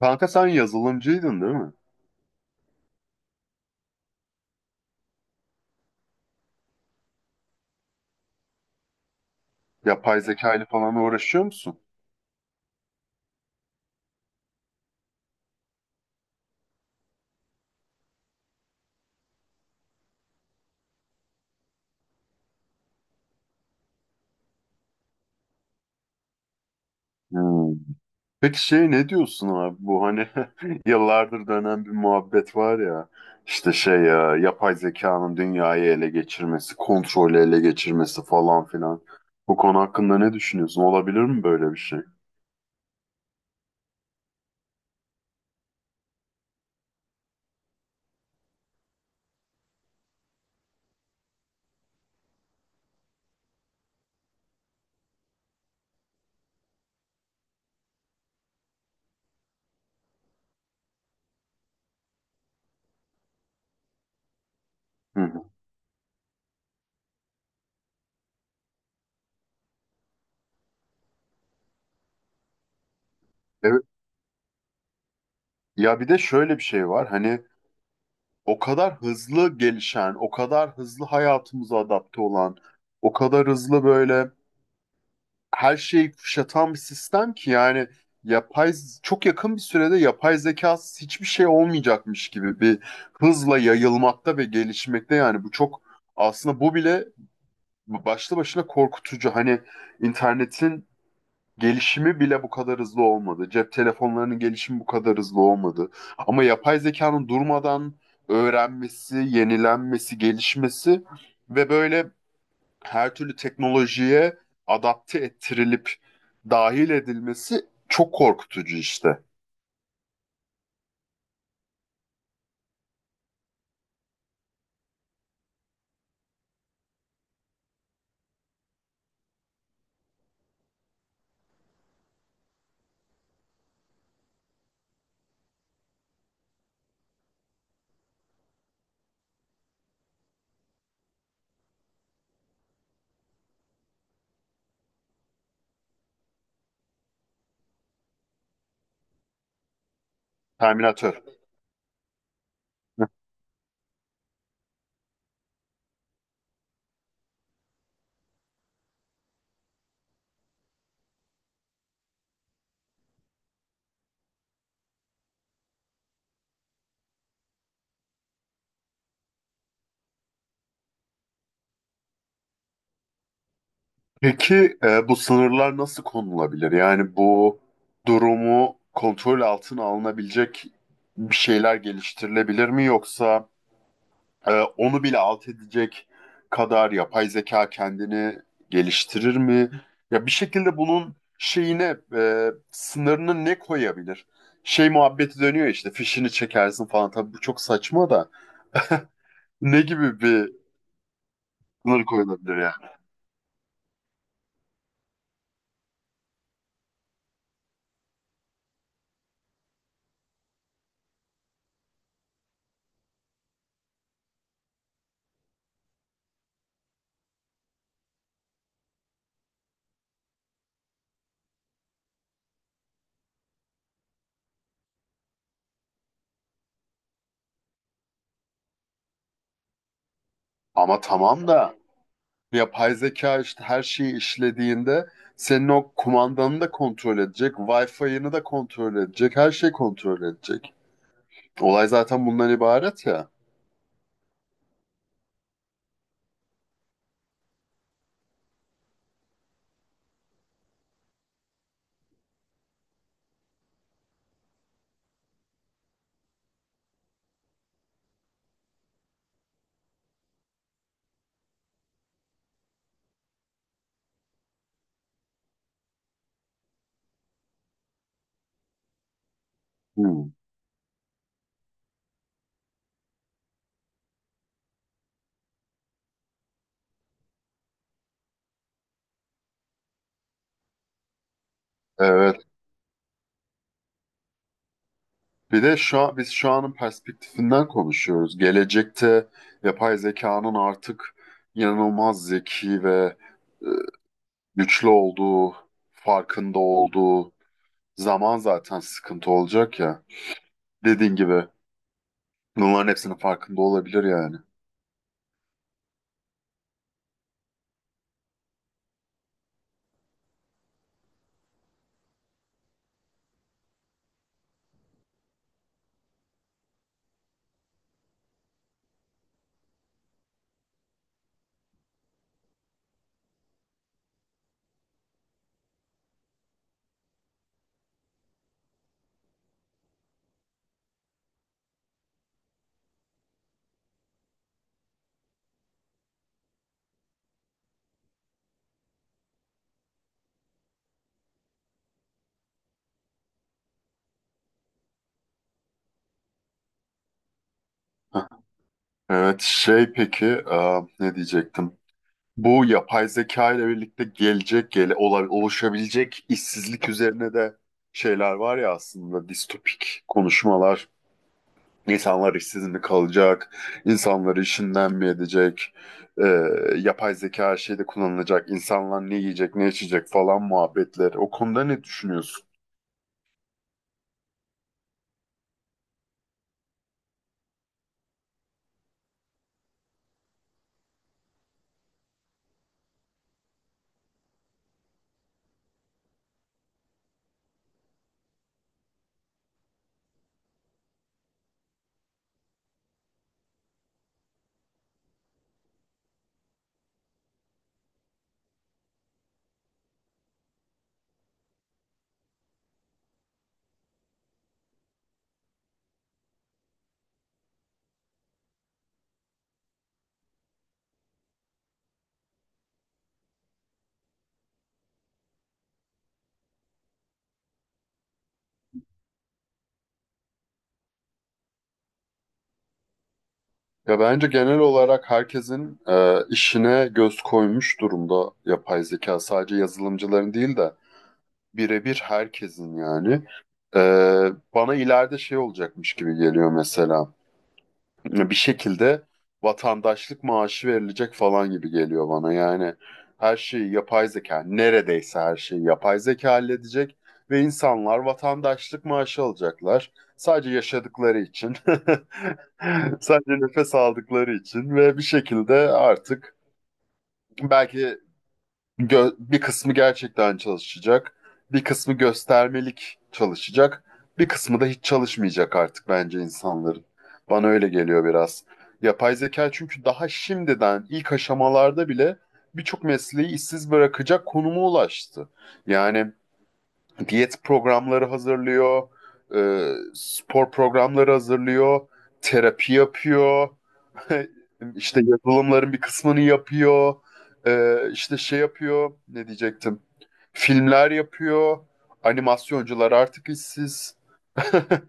Kanka sen yazılımcıydın değil mi? Yapay zeka ile falan uğraşıyor musun? Hmm. Peki ne diyorsun abi bu hani yıllardır dönen bir muhabbet var ya işte yapay zekanın dünyayı ele geçirmesi, kontrolü ele geçirmesi falan filan. Bu konu hakkında ne düşünüyorsun? Olabilir mi böyle bir şey? Hı hı. Evet. Ya bir de şöyle bir şey var. Hani o kadar hızlı gelişen, o kadar hızlı hayatımıza adapte olan, o kadar hızlı böyle her şeyi kuşatan bir sistem ki yani yapay çok yakın bir sürede yapay zekasız hiçbir şey olmayacakmış gibi bir hızla yayılmakta ve gelişmekte. Yani bu çok, aslında bu bile başlı başına korkutucu. Hani internetin gelişimi bile bu kadar hızlı olmadı. Cep telefonlarının gelişimi bu kadar hızlı olmadı. Ama yapay zekanın durmadan öğrenmesi, yenilenmesi, gelişmesi ve böyle her türlü teknolojiye adapte ettirilip dahil edilmesi çok korkutucu işte. Terminator. Peki bu sınırlar nasıl konulabilir? Yani bu durumu kontrol altına alınabilecek bir şeyler geliştirilebilir mi, yoksa Ee, onu bile alt edecek kadar yapay zeka kendini geliştirir mi? Ya bir şekilde bunun sınırını ne koyabilir? Şey muhabbeti dönüyor işte, fişini çekersin falan. Tabii bu çok saçma da ne gibi bir sınır koyulabilir ya? Ama tamam da yapay zeka işte her şeyi işlediğinde senin o kumandanı da kontrol edecek, Wi-Fi'ını da kontrol edecek, her şeyi kontrol edecek. Olay zaten bundan ibaret ya. Hmm. Evet. Bir de şu an, biz şu anın perspektifinden konuşuyoruz. Gelecekte yapay zekanın artık inanılmaz zeki ve e, güçlü olduğu, farkında olduğu zaman zaten sıkıntı olacak ya. Dediğin gibi bunların hepsinin farkında olabilir yani. Evet, şey peki ne diyecektim? Bu yapay zeka ile birlikte oluşabilecek işsizlik üzerine de şeyler var ya, aslında distopik konuşmalar. İnsanlar işsiz mi kalacak? İnsanları işinden mi edecek? Ee, Yapay zeka her şeyde kullanılacak. İnsanlar ne yiyecek, ne içecek falan muhabbetleri. O konuda ne düşünüyorsun? Ya bence genel olarak herkesin işine göz koymuş durumda yapay zeka. Sadece yazılımcıların değil de birebir herkesin yani. Bana ileride şey olacakmış gibi geliyor mesela. Bir şekilde vatandaşlık maaşı verilecek falan gibi geliyor bana. Yani her şeyi yapay zeka, neredeyse her şeyi yapay zeka halledecek ve insanlar vatandaşlık maaşı alacaklar. Sadece yaşadıkları için, sadece nefes aldıkları için ve bir şekilde artık belki bir kısmı gerçekten çalışacak, bir kısmı göstermelik çalışacak, bir kısmı da hiç çalışmayacak artık bence insanların. Bana öyle geliyor biraz. Yapay zeka çünkü daha şimdiden ilk aşamalarda bile birçok mesleği işsiz bırakacak konuma ulaştı. Yani diyet programları hazırlıyor, spor programları hazırlıyor, terapi yapıyor. İşte yazılımların bir kısmını yapıyor. İşte şey yapıyor. Ne diyecektim? Filmler yapıyor. Animasyoncular artık işsiz.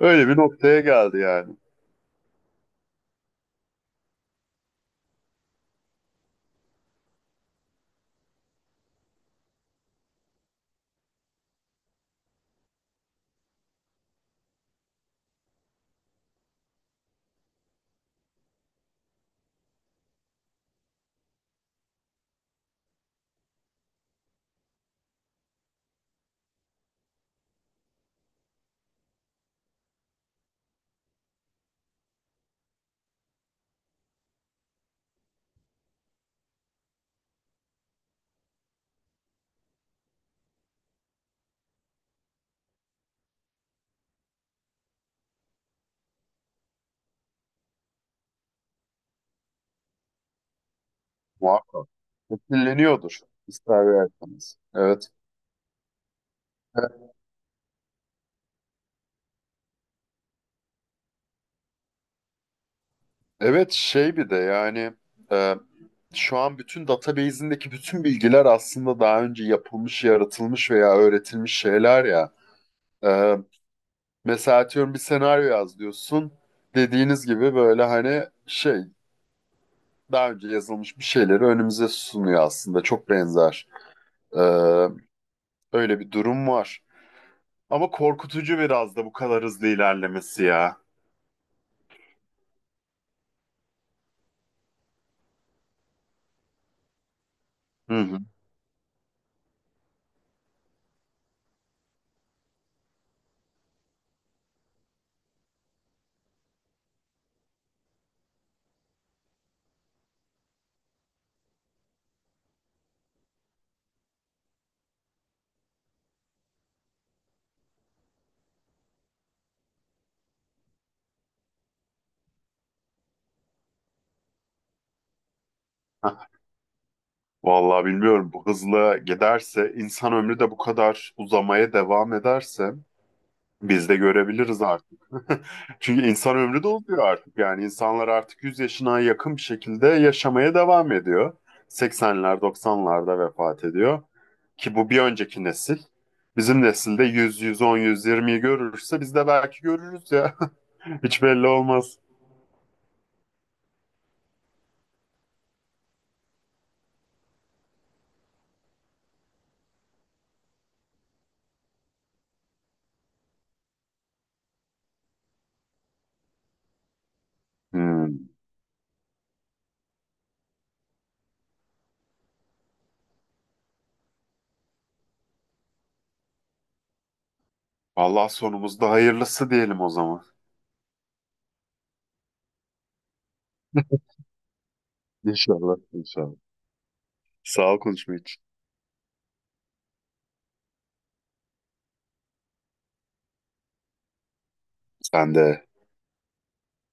Öyle bir noktaya geldi yani. Muhakkak. Etkileniyordur. İster verseniz. Evet. Evet, bir de yani e, şu an bütün database'indeki bütün bilgiler aslında daha önce yapılmış, yaratılmış veya öğretilmiş şeyler ya. E, Mesela atıyorum bir senaryo yaz diyorsun. Dediğiniz gibi böyle daha önce yazılmış bir şeyleri önümüze sunuyor aslında. Çok benzer. Ee, Öyle bir durum var. Ama korkutucu biraz da bu kadar hızlı ilerlemesi ya. Hı hı. Vallahi bilmiyorum, bu hızla giderse, insan ömrü de bu kadar uzamaya devam ederse biz de görebiliriz artık. Çünkü insan ömrü doluyor artık. Yani insanlar artık 100 yaşına yakın bir şekilde yaşamaya devam ediyor. Seksenler, doksanlarda vefat ediyor. Ki bu bir önceki nesil. Bizim nesilde yüz, 110, yüz 120'yi görürse biz de belki görürüz ya. Hiç belli olmaz. Hmm. Allah sonumuzda hayırlısı diyelim o zaman. İnşallah, inşallah. Sağ ol konuşma için. Sen de.